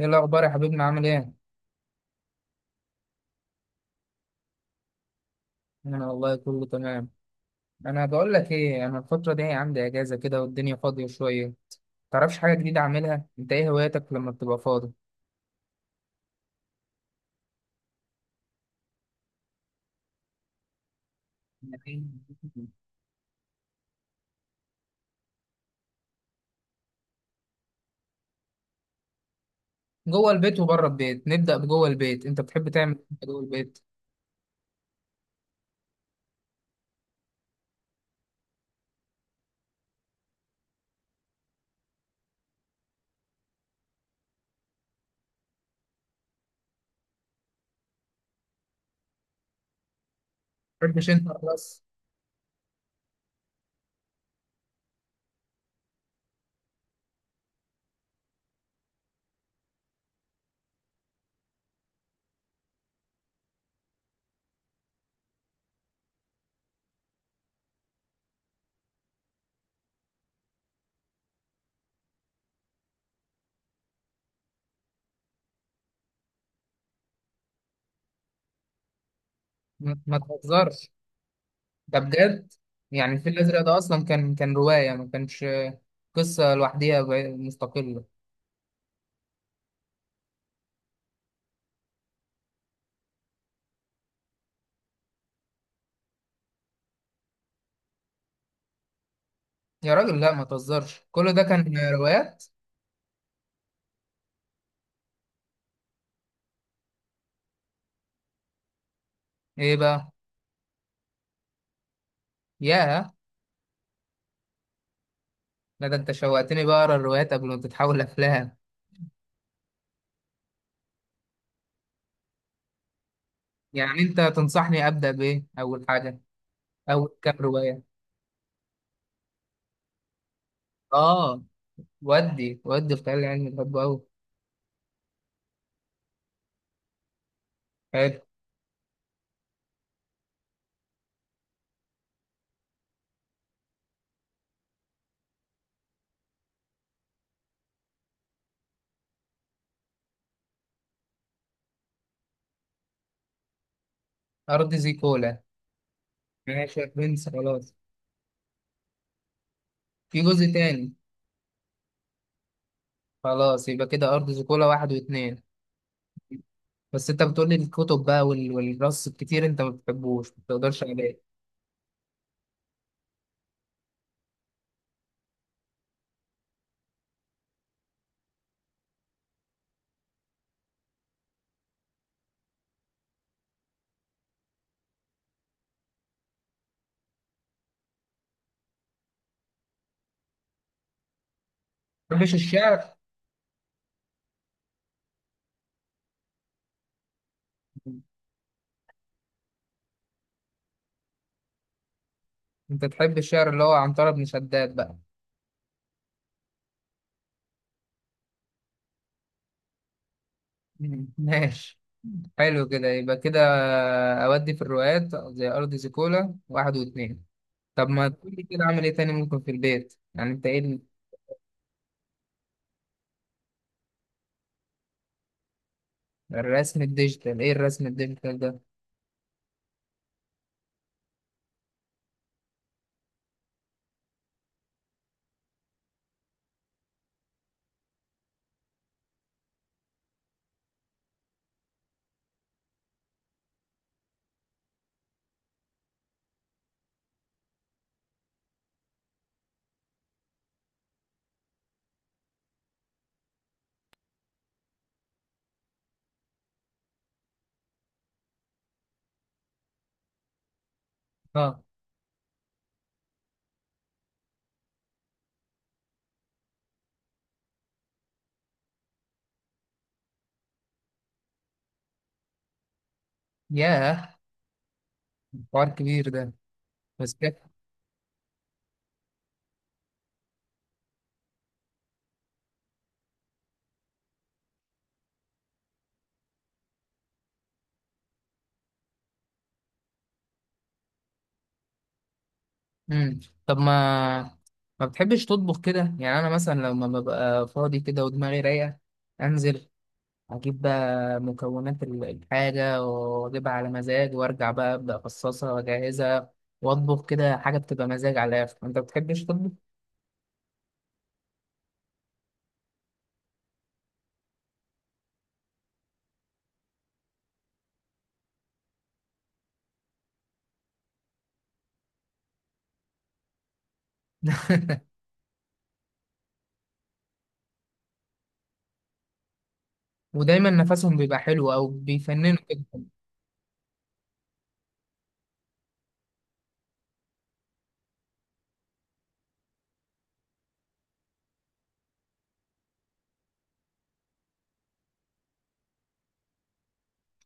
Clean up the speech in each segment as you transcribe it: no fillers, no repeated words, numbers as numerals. ايه الاخبار يا حبيبنا عامل ايه؟ انا والله كله تمام. انا بقول لك ايه، انا الفتره دي عندي اجازه كده والدنيا فاضيه شويه. تعرفش حاجه جديده اعملها؟ انت ايه هواياتك لما بتبقى فاضي؟ جوه البيت وبره البيت، نبدا بجوه البيت، انت بتحب تعمل إيه جوه البيت؟ ما بتحبش انت خلاص. ما تهزرش، ده بجد. يعني الفيل الازرق ده اصلا كان روايه ما كانش قصه لوحديها مستقله؟ يا راجل لا ما تهزرش، كل ده كان روايات؟ ايه بقى؟ ياه. لا ده انت شوقتني بقى اقرا الروايات قبل ما تتحول افلام. يعني انت تنصحني ابدا بايه اول حاجه؟ اول كام روايه؟ اه. ودي الخيال العلمي بحبه قوي. حلو. ارض زيكولا. ماشي يا برنس، خلاص. في جزء تاني؟ خلاص يبقى كده، ارض زيكولا واحد واتنين. بس انت بتقولي الكتب بقى والرص الكتير انت ما بتحبوش، ما بتقدرش عليه؟ ما بتحبش الشعر؟ انت تحب الشعر اللي هو عنترة بن شداد بقى؟ ماشي. حلو كده، يبقى كده. أودي في الرواقات زي أرض زيكولا واحد واتنين. طب ما تقولي كده، أعمل إيه تاني ممكن في البيت؟ يعني أنت إيه الرسم الديجيتال؟ إيه الرسم الديجيتال ده؟ آه. ياه. حوار كبير ده. بس كده؟ مم. طب ما، ما بتحبش تطبخ كده؟ يعني أنا مثلا لما ببقى فاضي كده ودماغي رايقة، أنزل اجيب بقى مكونات الحاجه واجيبها على مزاج، وارجع بقى ابدا افصصها واجهزها واطبخ كده حاجه بتبقى مزاج على الاخر. انت بتحبش تطبخ؟ ودايما نفسهم بيبقى حلو او بيفننوا كده.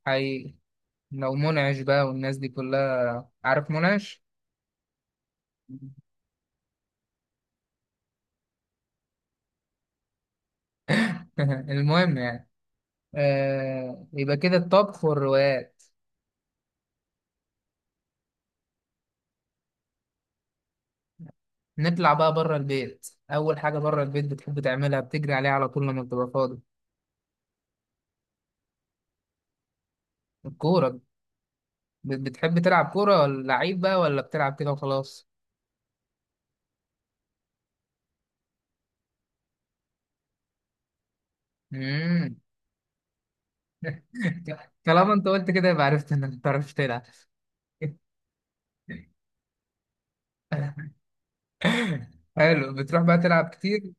حقيقي. لو منعش بقى، والناس دي كلها، عارف منعش؟ المهم يعني، آه يبقى كده الطبخ والروايات. نطلع بقى بره البيت، اول حاجه بره البيت بتحب تعملها بتجري عليها على طول لما بتبقى فاضي؟ الكوره؟ بتحب تلعب كورة ولا لعيب بقى ولا بتلعب كده وخلاص؟ مم. طالما انت قلت كده يبقى عرفت انك ما بتعرفش تلعب. حلو. بتروح بقى تلعب كتير؟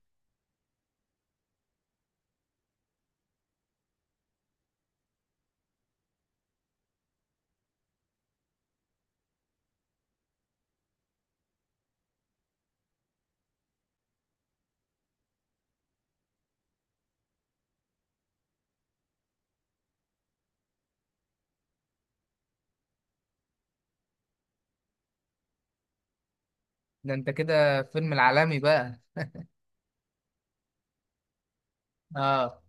ده انت كده فيلم العالمي بقى. اه.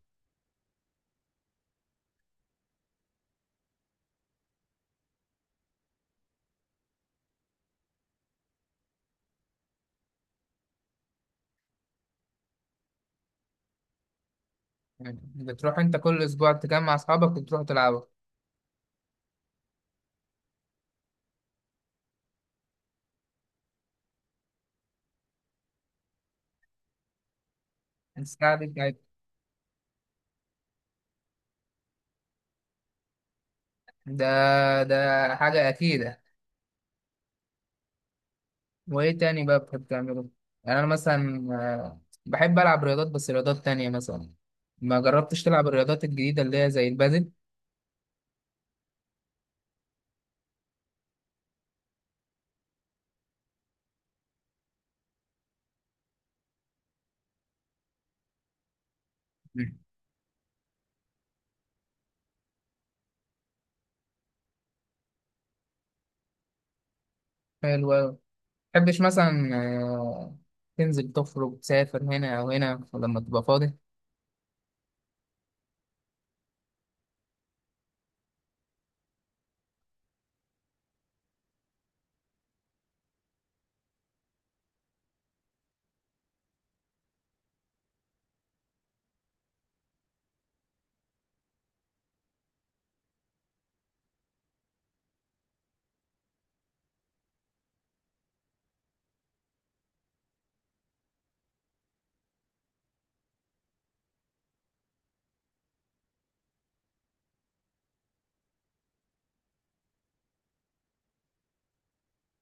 بتروح انت كل اسبوع تجمع اصحابك وتروح تلعبوا؟ الساعة دي بتاعت. ده، ده حاجة أكيدة. وإيه تاني بقى بتحب تعمله؟ يعني أنا مثلا بحب ألعب رياضات، بس رياضات تانية مثلا. ما جربتش تلعب الرياضات الجديدة اللي هي زي البادل؟ حلو أوي. متحبش مثلا تنزل تخرج تسافر هنا أو هنا لما تبقى فاضي؟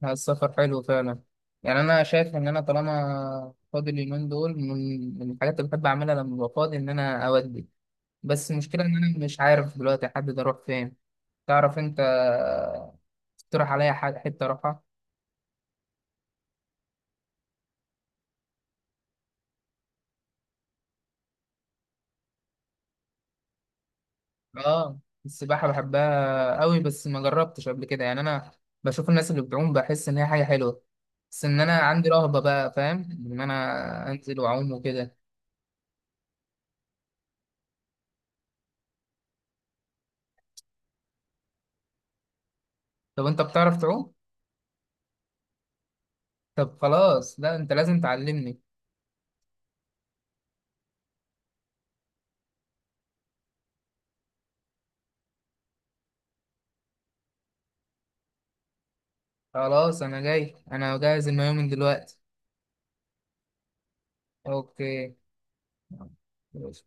لا، السفر حلو فعلا. يعني أنا شايف إن أنا طالما فاضي اليومين دول، من الحاجات اللي بحب أعملها لما ببقى فاضي إن أنا أودي. بس المشكلة إن أنا مش عارف دلوقتي أحدد أروح فين. تعرف أنت تقترح عليا حتة أروحها؟ اه. السباحة بحبها قوي، بس ما جربتش قبل كده. يعني انا بشوف الناس اللي بتعوم بحس ان هي حاجة حلوة، بس ان انا عندي رهبة بقى، فاهم؟ ان انا انزل واعوم وكده. طب انت بتعرف تعوم؟ طب خلاص، لا انت لازم تعلمني. خلاص انا جاي، انا جاهز المايوه من دلوقتي. اوكي.